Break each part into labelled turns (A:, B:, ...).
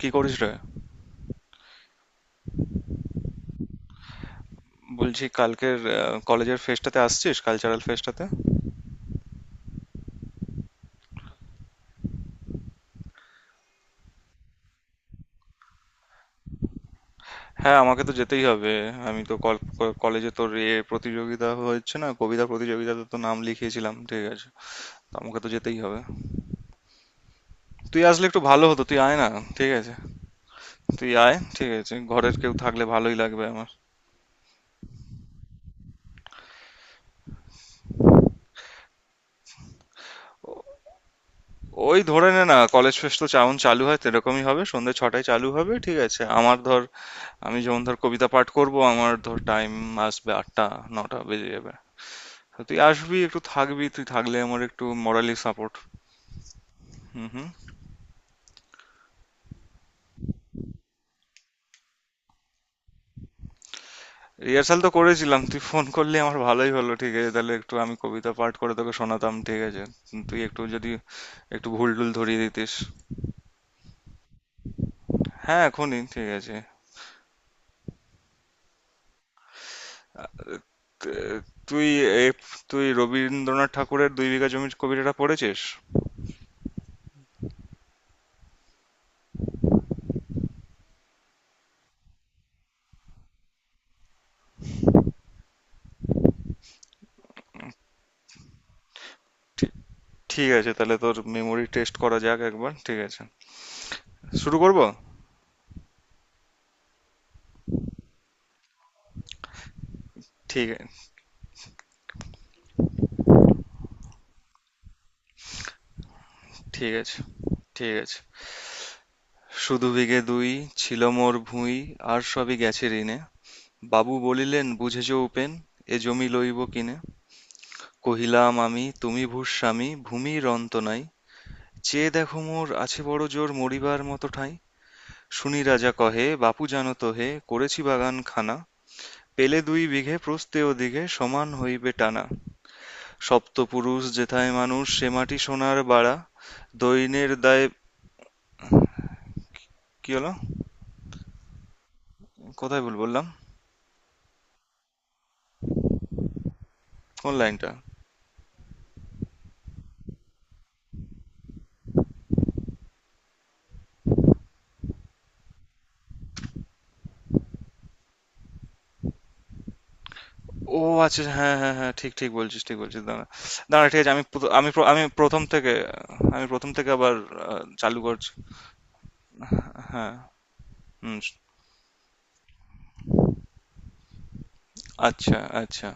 A: কি করিস রে? বলছি কালকের কলেজের ফেস্টটাতে আসছিস, কালচারাল ফেস্টটাতে? হ্যাঁ, আমাকে তো যেতেই হবে। আমি তো কলেজে তোর এ প্রতিযোগিতা হচ্ছে না, কবিতা প্রতিযোগিতাতে তো নাম লিখিয়েছিলাম, ঠিক আছে? তো আমাকে তো যেতেই হবে। তুই আসলে একটু ভালো হতো, তুই আয় না। ঠিক আছে, তুই আয়, ঠিক আছে, ঘরের কেউ থাকলে ভালোই লাগবে আমার। ওই ধরে নে না, কলেজ ফেস্ট তো যেমন চালু হয় সেরকমই হবে, সন্ধ্যে ৬টায় চালু হবে, ঠিক আছে? আমার ধর, আমি যেমন ধর কবিতা পাঠ করব, আমার ধর টাইম আসবে ৮টা, ৯টা বেজে যাবে। তো তুই আসবি, একটু থাকবি, তুই থাকলে আমার একটু মরালি সাপোর্ট। হুম, হুম। রিহার্সাল তো করেছিলাম, তুই ফোন করলি আমার ভালোই হলো, ঠিক আছে, তাহলে একটু আমি কবিতা পাঠ করে তোকে শোনাতাম, ঠিক আছে? তুই একটু যদি একটু ভুল টুল ধরিয়ে দিতিস। হ্যাঁ, এখনই, ঠিক আছে। তে- তুই তুই রবীন্দ্রনাথ ঠাকুরের দুই বিঘা জমির কবিতাটা পড়েছিস? ঠি- ঠিক আছে, তাহলে তোর মেমোরি টেস্ট করা যাক একবার, ঠিক আছে? শুরু করব? ঠিক আ- ঠিক আছে, ঠিক আছে। শুধু বিঘে দুই ছিল মোর ভুঁই, আর সবই গেছে ঋণে। বাবু বলিলেন, বুঝেছ উপেন, এ জমি লইব কিনে? কহিলাম আমি, তুমি ভূস্বামী, ভূমির অন্ত নাই, চেয়ে দেখো মোর আছে বড় জোর মরিবার মত ঠাঁই। শুনি রাজা কহে, বাপু জানো তো হে, করেছি বাগানখানা, পেলে দুই বিঘে প্রস্থে ওদিঘে সমান হইবে টানা। সপ্তপুরুষ যেথায় মানুষ সে মাটি সোনার বাড়া, দৈন্যের দায়ে। কি হলো? কোথায় ভুল বললাম? কোন লাইনটা? ও আচ্ছা, হ্যাঁ, হ্যাঁ, হ্যাঁ। ঠিক, ঠিক বলছিস, ঠিক বলছিস। দাঁড়া। দাঁড়া, ঠিক আছে, আমি প্রথ আমি প্র আমি ১ম থেকে আমি ১ম থেকে আবার আ চালু করছি। হ্যাঁ, হুম। আচ্ছা, আচ্ছা।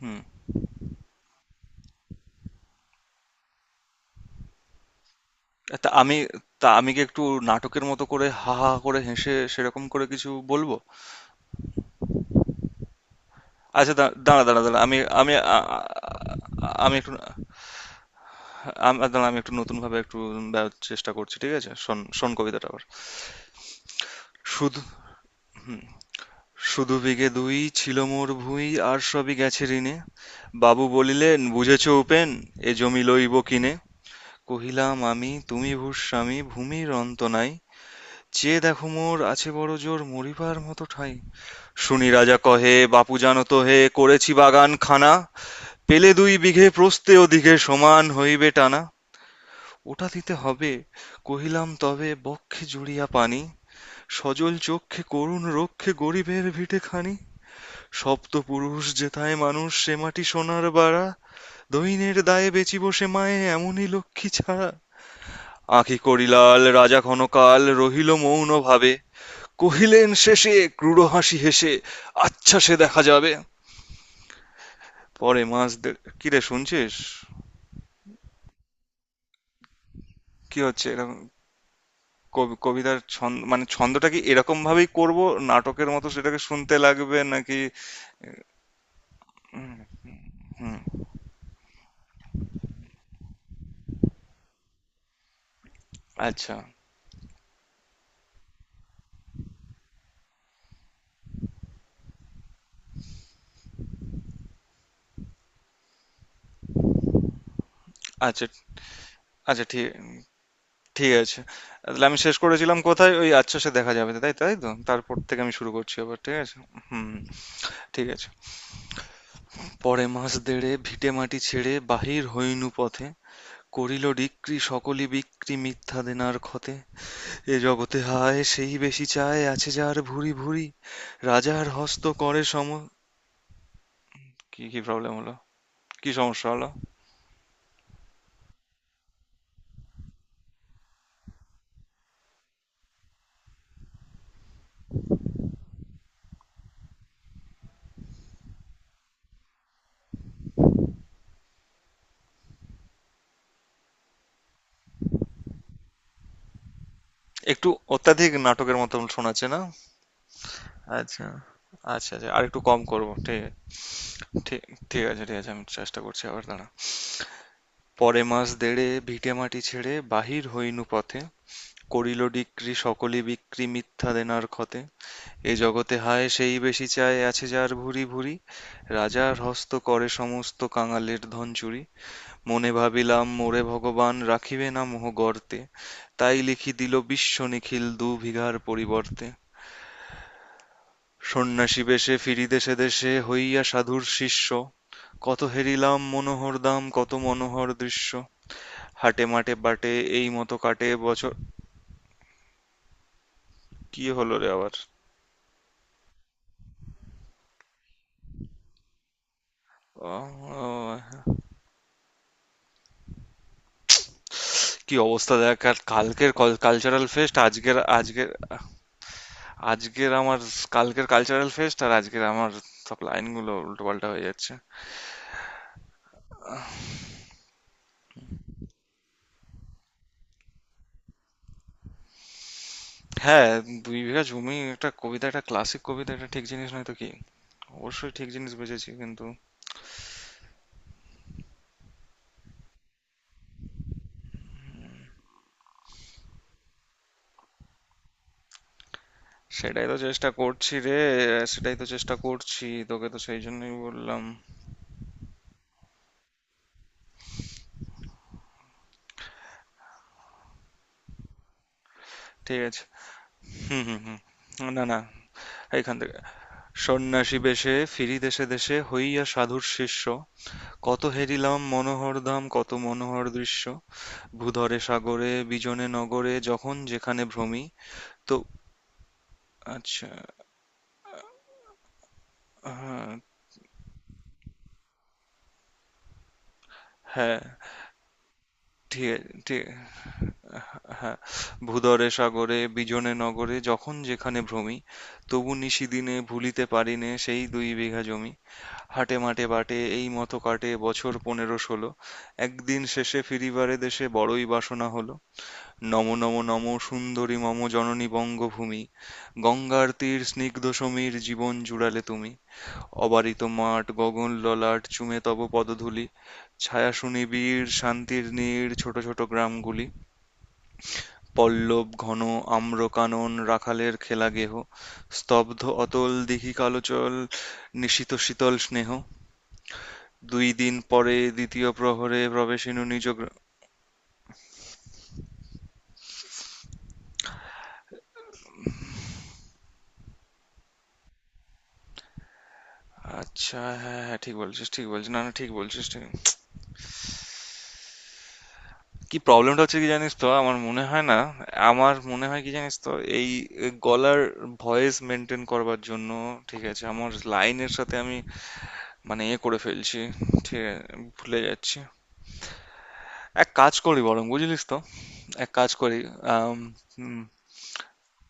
A: হুম। তা আমি তা আমি কি একটু নাটকের মতো করে হা, হা করে হেসে সেরকম করে কিছু বলবো? আচ্ছা, দাঁড়া, দাঁড়া, দাঁড়া। আমি আমি আ আ আমি একটু আ দাঁড়া, আমি একটু নতুনভাবে একটু দেওয়ার চেষ্টা করছি। ঠিক আছে? শোন, শোন কবিতাটা আবার। শুধু, হুম। শুধু বিঘে দুই ছিল মোর ভুঁই, আর সবই গেছে ঋণে। বাবু বলিলেন, বুঝেছ উপেন, এ জমি লইব কিনে। কহিলাম আমি তুমি ভূস্বামী, ভূমির অন্ত নাই। চেয়ে দেখো মোর আছে বড় জোর মরিবার মত ঠাই। শুনি রাজা কহে, বাপু জানো তো হে, করেছি বাগান খানা। পেলে দুই বিঘে প্রস্থে ওদিঘে সমান হইবে টানা। ওটা দিতে হবে, কহিলাম তবে বক্ষে জুড়িয়া পানি। সজল চক্ষে করুণ রক্ষে গরিবের ভিটে খানি। সপ্তপুরুষ যেথায় মানুষ সে মাটি সোনার বাড়া, দৈন্যের দায়ে বেচিব সে মায়ে এমনই লক্ষ্মী ছাড়া। আঁখি করিলাল রাজা ক্ষণকাল রহিল মৌন ভাবে, কহিলেন শেষে ক্রূর হাসি হেসে, আচ্ছা সে দেখা যাবে পরে মাস। কি রে, শুনছিস? কি হচ্ছে এরকম? কবিতার ছন্দ মানে ছন্দটা কি এরকম ভাবেই করব? নাটকের মতো সেটাকে শুনতে লাগবে নাকি? হুম, হুম, আচ্ছা, আচ্ছা, আচ্ছা, ঠিক, ঠিক আছে। তাহলে আমি শেষ করেছিলাম কোথায়? ওই "আচ্ছা সে দেখা যাবে।" তাই তাই তো? তারপর থেকে আমি শুরু করছি আবার, ঠিক আছে? হুম, ঠিক আছে। পরে মাস দেড়ে ভিটেমাটি ছেড়ে বাহির হইনু পথে, করিল ডিক্রি সকলি বিক্রি মিথ্যা দেনার ক্ষতে। এ জগতে হায় সেই বেশি চায়, আছে যার ভুরি ভুরি, রাজার হস্ত করে সম। কি, কি প্রবলেম হলো? কি সমস্যা হলো? একটু অত্যাধিক নাটকের মতন শোনাচ্ছে না? আচ্ছা, আচ্ছা, আচ্ছা। আরেকটু কম করব। ঠিক ঠিক ঠিক আছে, ঠিক আছে। আমি চেষ্টা করছি আবার, দাঁড়ান। পরে মাস দেড়ে ভিটেমাটি ছেড়ে বাহির হইনু পথে, করিল ডিক্রি সকলি বিক্রি মিথ্যা দেনার ক্ষতে। এ জগতে হায় সেই বেশি চায়, আছে যার ভুরি ভুরি, রাজার হস্ত করে সমস্ত কাঙালের ধন চুরি। মনে ভাবিলাম মোরে ভগবান রাখিবে না মোহ গর্তে, তাই লিখি দিল বিশ্ব নিখিল দু বিঘার পরিবর্তে। সন্ন্যাসী বেশে ফিরি দেশে দেশে হইয়া সাধুর শিষ্য, কত হেরিলাম মনোহর দাম কত মনোহর দৃশ্য। হাটে মাটে বাটে এই মতো কাটে বছর। কি হলো রে আবার? আহ, কি অবস্থা দেখ, আর কালকের কালচারাল ফেস্ট, আজকের, আজকের, আজকের আমার, কালকের কালচারাল ফেস্ট আর আজকের আমার সব লাইনগুলো উল্টোপাল্টা হয়ে যাচ্ছে। হ্যাঁ, দুই বিঘা জমি একটা কবিতা, একটা ক্লাসিক কবিতা, একটা ঠিক জিনিস নয় তো কি? অবশ্যই ঠিক জিনিস বেঁচেছি, কিন্তু সেটাই তো চেষ্টা করছি রে। সেটাই তো চেষ্টা করছি, তোকে তো সেই জন্যই বললাম। ঠিক আছে, হুম, হুম, হুম, না, না। এইখান থেকে। সন্ন্যাসীবেশে ফিরি দেশে দেশে হইয়া সাধুর শিষ্য, কত হেরিলাম মনোহরধাম কত মনোহর দৃশ্য, ভূধরে সাগরে বিজনে নগরে যখন যেখানে ভ্রমি। তো আচ্ছা, হ্যাঁ, হ্যাঁ, ঠিক আছে, ঠিক আছে, হ্যাঁ। ভূধরে সাগরে বিজনে নগরে যখন যেখানে ভ্রমি, তবু নিশিদিনে ভুলিতে পারিনে সেই দুই বিঘা জমি। হাটে মাঠে বাটে এই মতো কাটে বছর ১৫-১৬। একদিন শেষে ফিরিবারে দেশে বড়ই বাসনা হলো। নমো নমো নমো সুন্দরী মম জননী বঙ্গভূমি, গঙ্গার তীর স্নিগ্ধ সমীর জীবন জুড়ালে তুমি। অবারিত মাঠ গগন ললাট চুমে তব পদধূলি, ছায়া সুনিবিড় শান্তির নীড় ছোট ছোট গ্রামগুলি। পল্লব ঘন আম্র কানন রাখালের খেলা গেহ, স্তব্ধ অতল দিঘি কালোচল নিশীত শীতল স্নেহ। দুই দিন পরে দ্বিতীয় প্রহরে প্রবেশিনু নিজ আচ্ছা, হ্যাঁ, হ্যাঁ, ঠিক বলছিস, ঠিক বলছিস, না, না, ঠিক বলছিস, ঠিক। কি প্রবলেমটা হচ্ছে কি জানিস তো, আমার মনে হয় না, আমার মনে হয় কি জানিস তো, এই, এ, গলার ভয়েস মেনটেন করবার জন্য ঠিক আছে আমার লাইনের সাথে আমি মানে এ করে ফেলছি। ঠিক আছে, ভুলে যাচ্ছি। এক কাজ করি বরং, বুঝলিস তো? এক কাজ করি আম, হুম,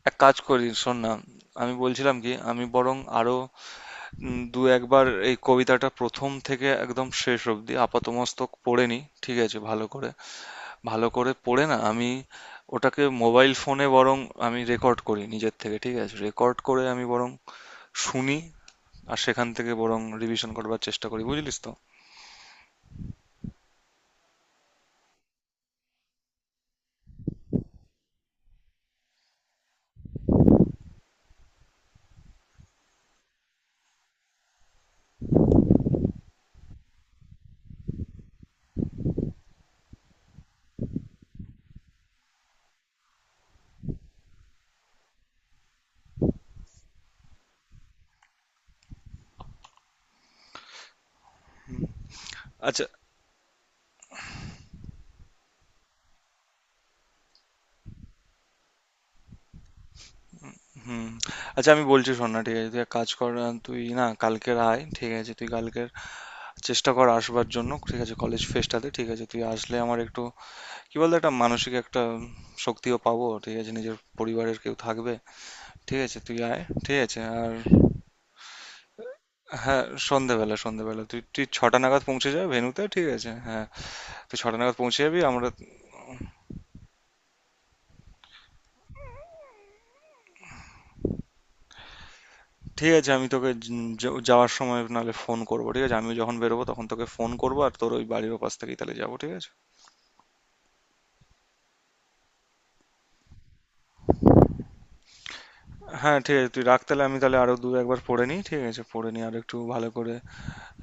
A: এক কাজ করি, শোন না। আমি বলছিলাম কি, আমি বরং আরো দু একবার এই কবিতাটা প্রথম থেকে একদম শেষ অবধি আপাতমস্তক পড়ে নি, ঠিক আছে, ভালো করে, ভালো করে পড়ে না, আমি ওটাকে মোবাইল ফোনে বরং আমি রেকর্ড করি নিজের থেকে, ঠিক আছে, রেকর্ড করে আমি বরং শুনি, আর সেখান থেকে বরং রিভিশন করবার চেষ্টা করি, বুঝলিস তো? আচ্ছা, হুম, আচ্ছা, আমি বলছি শোন না, ঠিক আছে, তুই এক কাজ কর, তুই না কালকের আয়, ঠিক আছে, তুই কালকের চেষ্টা কর আসবার জন্য, ঠিক আছে, কলেজ ফেস্টাতে, ঠিক আছে, তুই আসলে আমার একটু কি বলতো, একটা মানসিক একটা শক্তিও পাবো, ঠিক আছে, নিজের পরিবারের কেউ থাকবে, ঠিক আছে, তুই আয়, ঠিক আছে। আর হ্যাঁ, সন্ধেবেলা, সন্ধেবেলা, তুই তুই ৬টা নাগাদ পৌঁছে যা ভেন্যুতে, ঠিক আছে, হ্যাঁ। তুই ছটা নাগাদ পৌঁছে যাবি আমরা, ঠিক আছে। আমি তোকে যাওয়ার সময় নাহলে ফোন করবো, ঠিক আছে, আমিও যখন বেরোবো তখন তোকে ফোন করবো, আর তোর ওই বাড়ির ওপাশ থেকেই তাহলে যাবো, ঠিক আছে। হ্যাঁ, ঠিক আছে, তুই রাখ তাহলে, আমি তাহলে আরো দু একবার পড়ে নিই, ঠিক আছে, পড়ে নিই আর একটু ভালো করে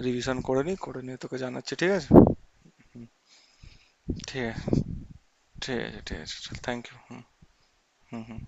A: রিভিশন করে নিই, করে নিয়ে তোকে জানাচ্ছি, ঠিক আছে, ঠিক আছে, ঠিক আছে, ঠিক আছে। Thank you. হুম, হুম, হুম।